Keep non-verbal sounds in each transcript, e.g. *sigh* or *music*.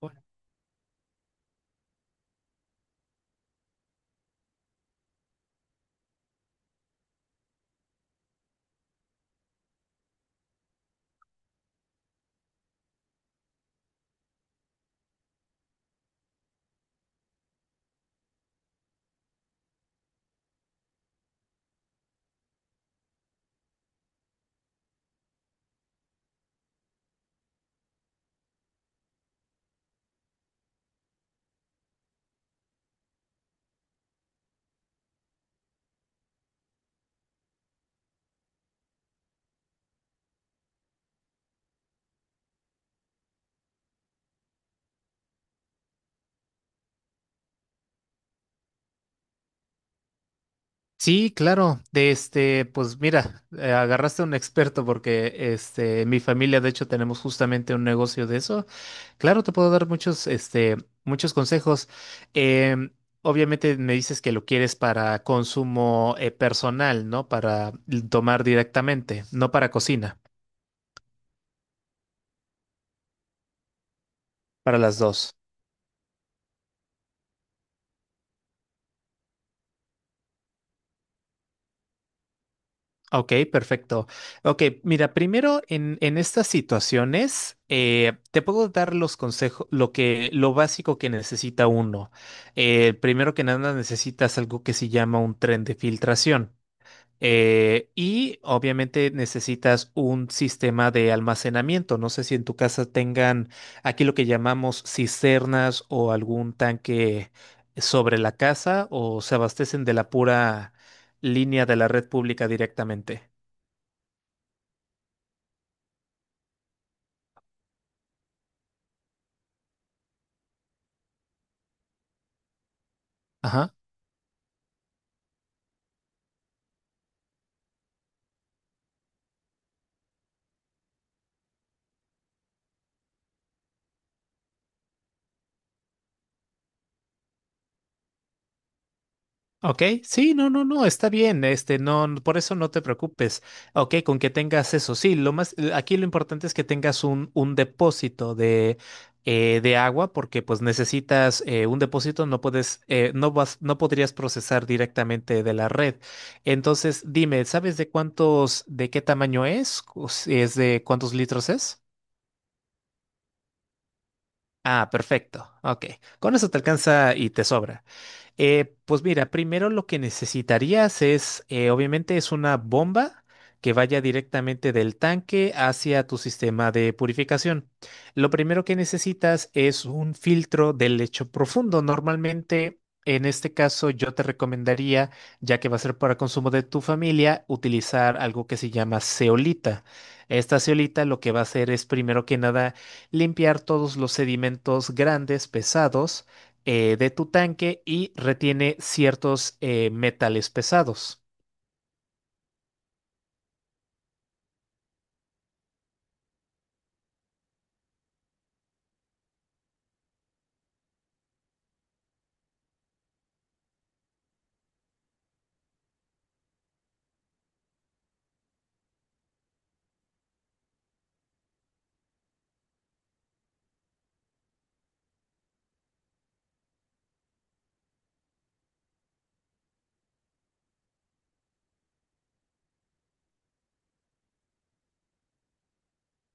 Bueno. Sí, claro. De este, pues mira, agarraste a un experto porque este, en mi familia, de hecho, tenemos justamente un negocio de eso. Claro, te puedo dar muchos consejos. Em, Obviamente me dices que lo quieres para consumo personal, ¿no? Para tomar directamente, no para cocina, para las dos. Ok, perfecto. Ok, mira, primero en estas situaciones te puedo dar los consejos, lo básico que necesita uno. Primero que nada necesitas algo que se llama un tren de filtración. Y obviamente necesitas un sistema de almacenamiento. No sé si en tu casa tengan aquí lo que llamamos cisternas o algún tanque sobre la casa o se abastecen de la pura línea de la red pública directamente. Ajá. Ok, sí, no, no, no, está bien, este, no, no, por eso no te preocupes. Ok, con que tengas eso, sí, lo más, aquí lo importante es que tengas un depósito de agua, porque pues necesitas un depósito, no puedes, no vas, no podrías procesar directamente de la red. Entonces, dime, ¿sabes de cuántos, de qué tamaño es? O si ¿es de cuántos litros es? Ah, perfecto. Ok. Con eso te alcanza y te sobra. Pues mira, primero lo que necesitarías es, obviamente es una bomba que vaya directamente del tanque hacia tu sistema de purificación. Lo primero que necesitas es un filtro de lecho profundo. Normalmente, en este caso, yo te recomendaría, ya que va a ser para consumo de tu familia, utilizar algo que se llama zeolita. Esta zeolita lo que va a hacer es primero que nada limpiar todos los sedimentos grandes, pesados, de tu tanque y retiene ciertos metales pesados.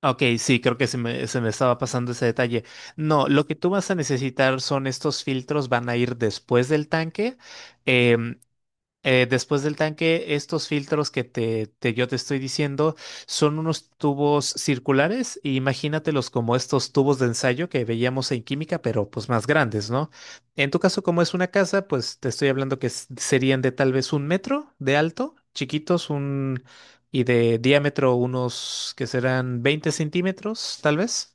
Ok, sí, creo que se me estaba pasando ese detalle. No, lo que tú vas a necesitar son estos filtros, van a ir después del tanque. em, Después del tanque, estos filtros que yo te estoy diciendo son unos tubos circulares. E imagínatelos como estos tubos de ensayo que veíamos en química, pero pues más grandes, ¿no? En tu caso, como es una casa, pues te estoy hablando que serían de tal vez 1 metro de alto, chiquitos, y de diámetro unos que serán 20 centímetros, tal vez.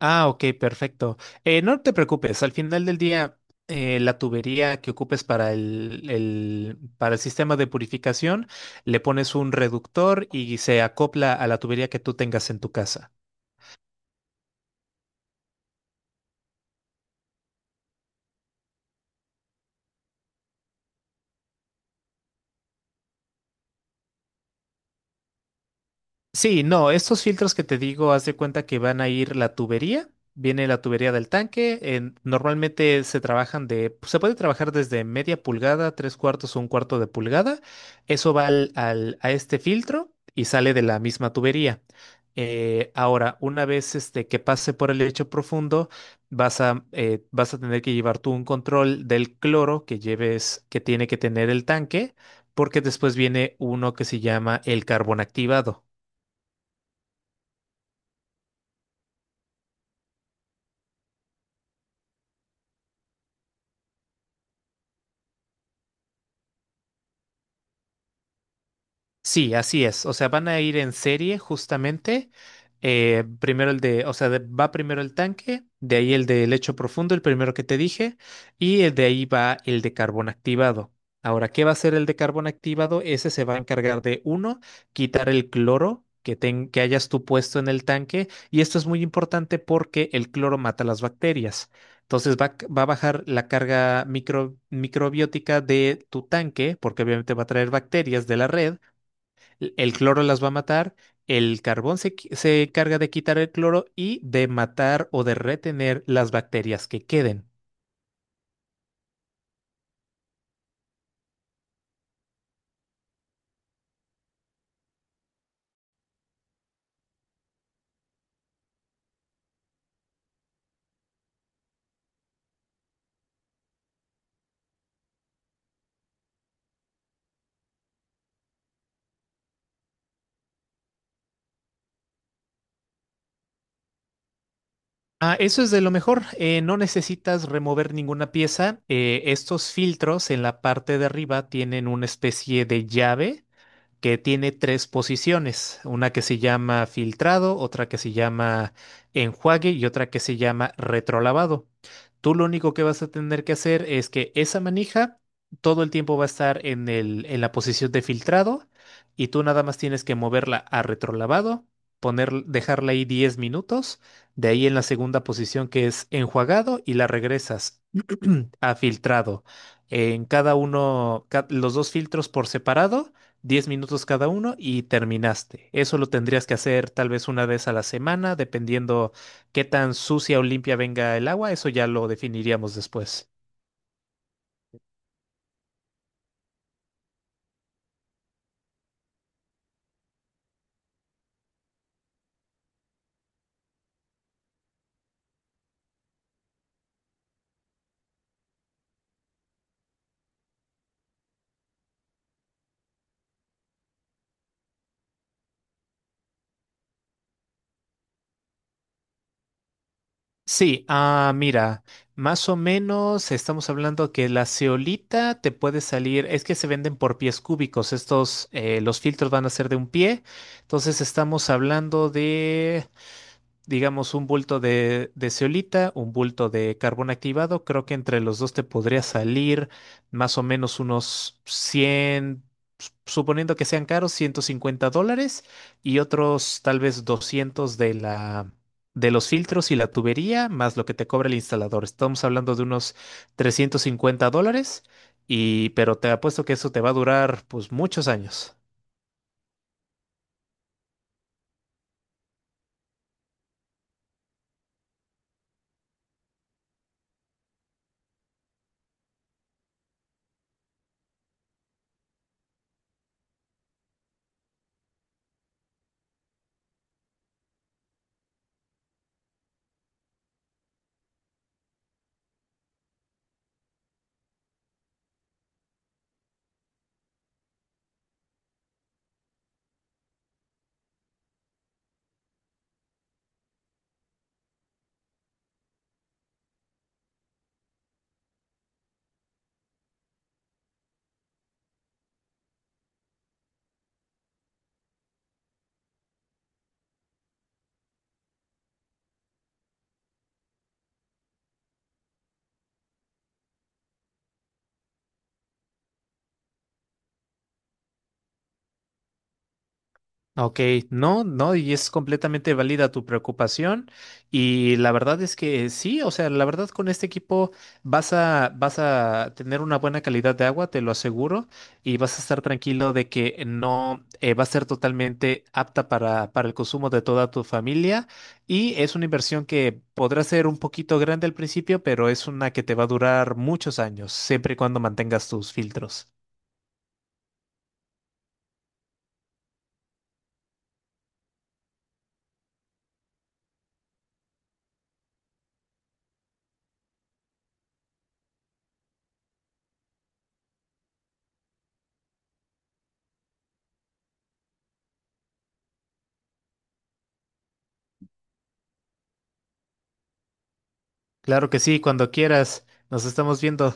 Ah, ok, perfecto. No te preocupes, al final del día, la tubería que ocupes para para el sistema de purificación, le pones un reductor y se acopla a la tubería que tú tengas en tu casa. Sí, no, estos filtros que te digo, haz de cuenta que van a ir la tubería, viene la tubería del tanque, normalmente se trabajan de, pues, se puede trabajar desde media pulgada, tres cuartos o 1/4 de pulgada, eso va a este filtro y sale de la misma tubería. Ahora, una vez este, que pase por el lecho profundo, vas a tener que llevar tú un control del cloro que lleves, que tiene que tener el tanque, porque después viene uno que se llama el carbón activado. Sí, así es. O sea, van a ir en serie justamente. Primero el de, o sea, va primero el tanque, de ahí el de lecho profundo, el primero que te dije, y el de ahí va el de carbón activado. Ahora, ¿qué va a hacer el de carbón activado? Ese se va a encargar de, uno, quitar el cloro que, que hayas tú puesto en el tanque, y esto es muy importante porque el cloro mata las bacterias. Entonces va, va a bajar la carga microbiótica de tu tanque, porque obviamente va a traer bacterias de la red, el cloro las va a matar, el carbón se encarga de quitar el cloro y de matar o de retener las bacterias que queden. Ah, eso es de lo mejor. No necesitas remover ninguna pieza. Estos filtros en la parte de arriba tienen una especie de llave que tiene tres posiciones, una que se llama filtrado, otra que se llama enjuague y otra que se llama retrolavado. Tú lo único que vas a tener que hacer es que esa manija todo el tiempo va a estar en en la posición de filtrado y tú nada más tienes que moverla a retrolavado, poner, dejarla ahí 10 minutos, de ahí en la segunda posición que es enjuagado y la regresas *clears throat* a filtrado. En cada uno, los dos filtros por separado. 10 minutos cada uno y terminaste. Eso lo tendrías que hacer tal vez una vez a la semana, dependiendo qué tan sucia o limpia venga el agua. Eso ya lo definiríamos después. Sí, mira, más o menos estamos hablando que la ceolita te puede salir, es que se venden por pies cúbicos, estos, los filtros van a ser de 1 pie, entonces estamos hablando de, digamos, un bulto de, zeolita, un bulto de carbón activado. Creo que entre los dos te podría salir más o menos unos 100, suponiendo que sean caros, $150, y otros tal vez 200 de la... de los filtros y la tubería, más lo que te cobra el instalador. Estamos hablando de unos $350, y, pero te apuesto que eso te va a durar pues muchos años. Ok, no, no, y es completamente válida tu preocupación. Y la verdad es que sí, o sea, la verdad con este equipo vas a tener una buena calidad de agua, te lo aseguro, y vas a estar tranquilo de que no va a ser totalmente apta para el consumo de toda tu familia. Y es una inversión que podrá ser un poquito grande al principio, pero es una que te va a durar muchos años, siempre y cuando mantengas tus filtros. Claro que sí, cuando quieras, nos estamos viendo.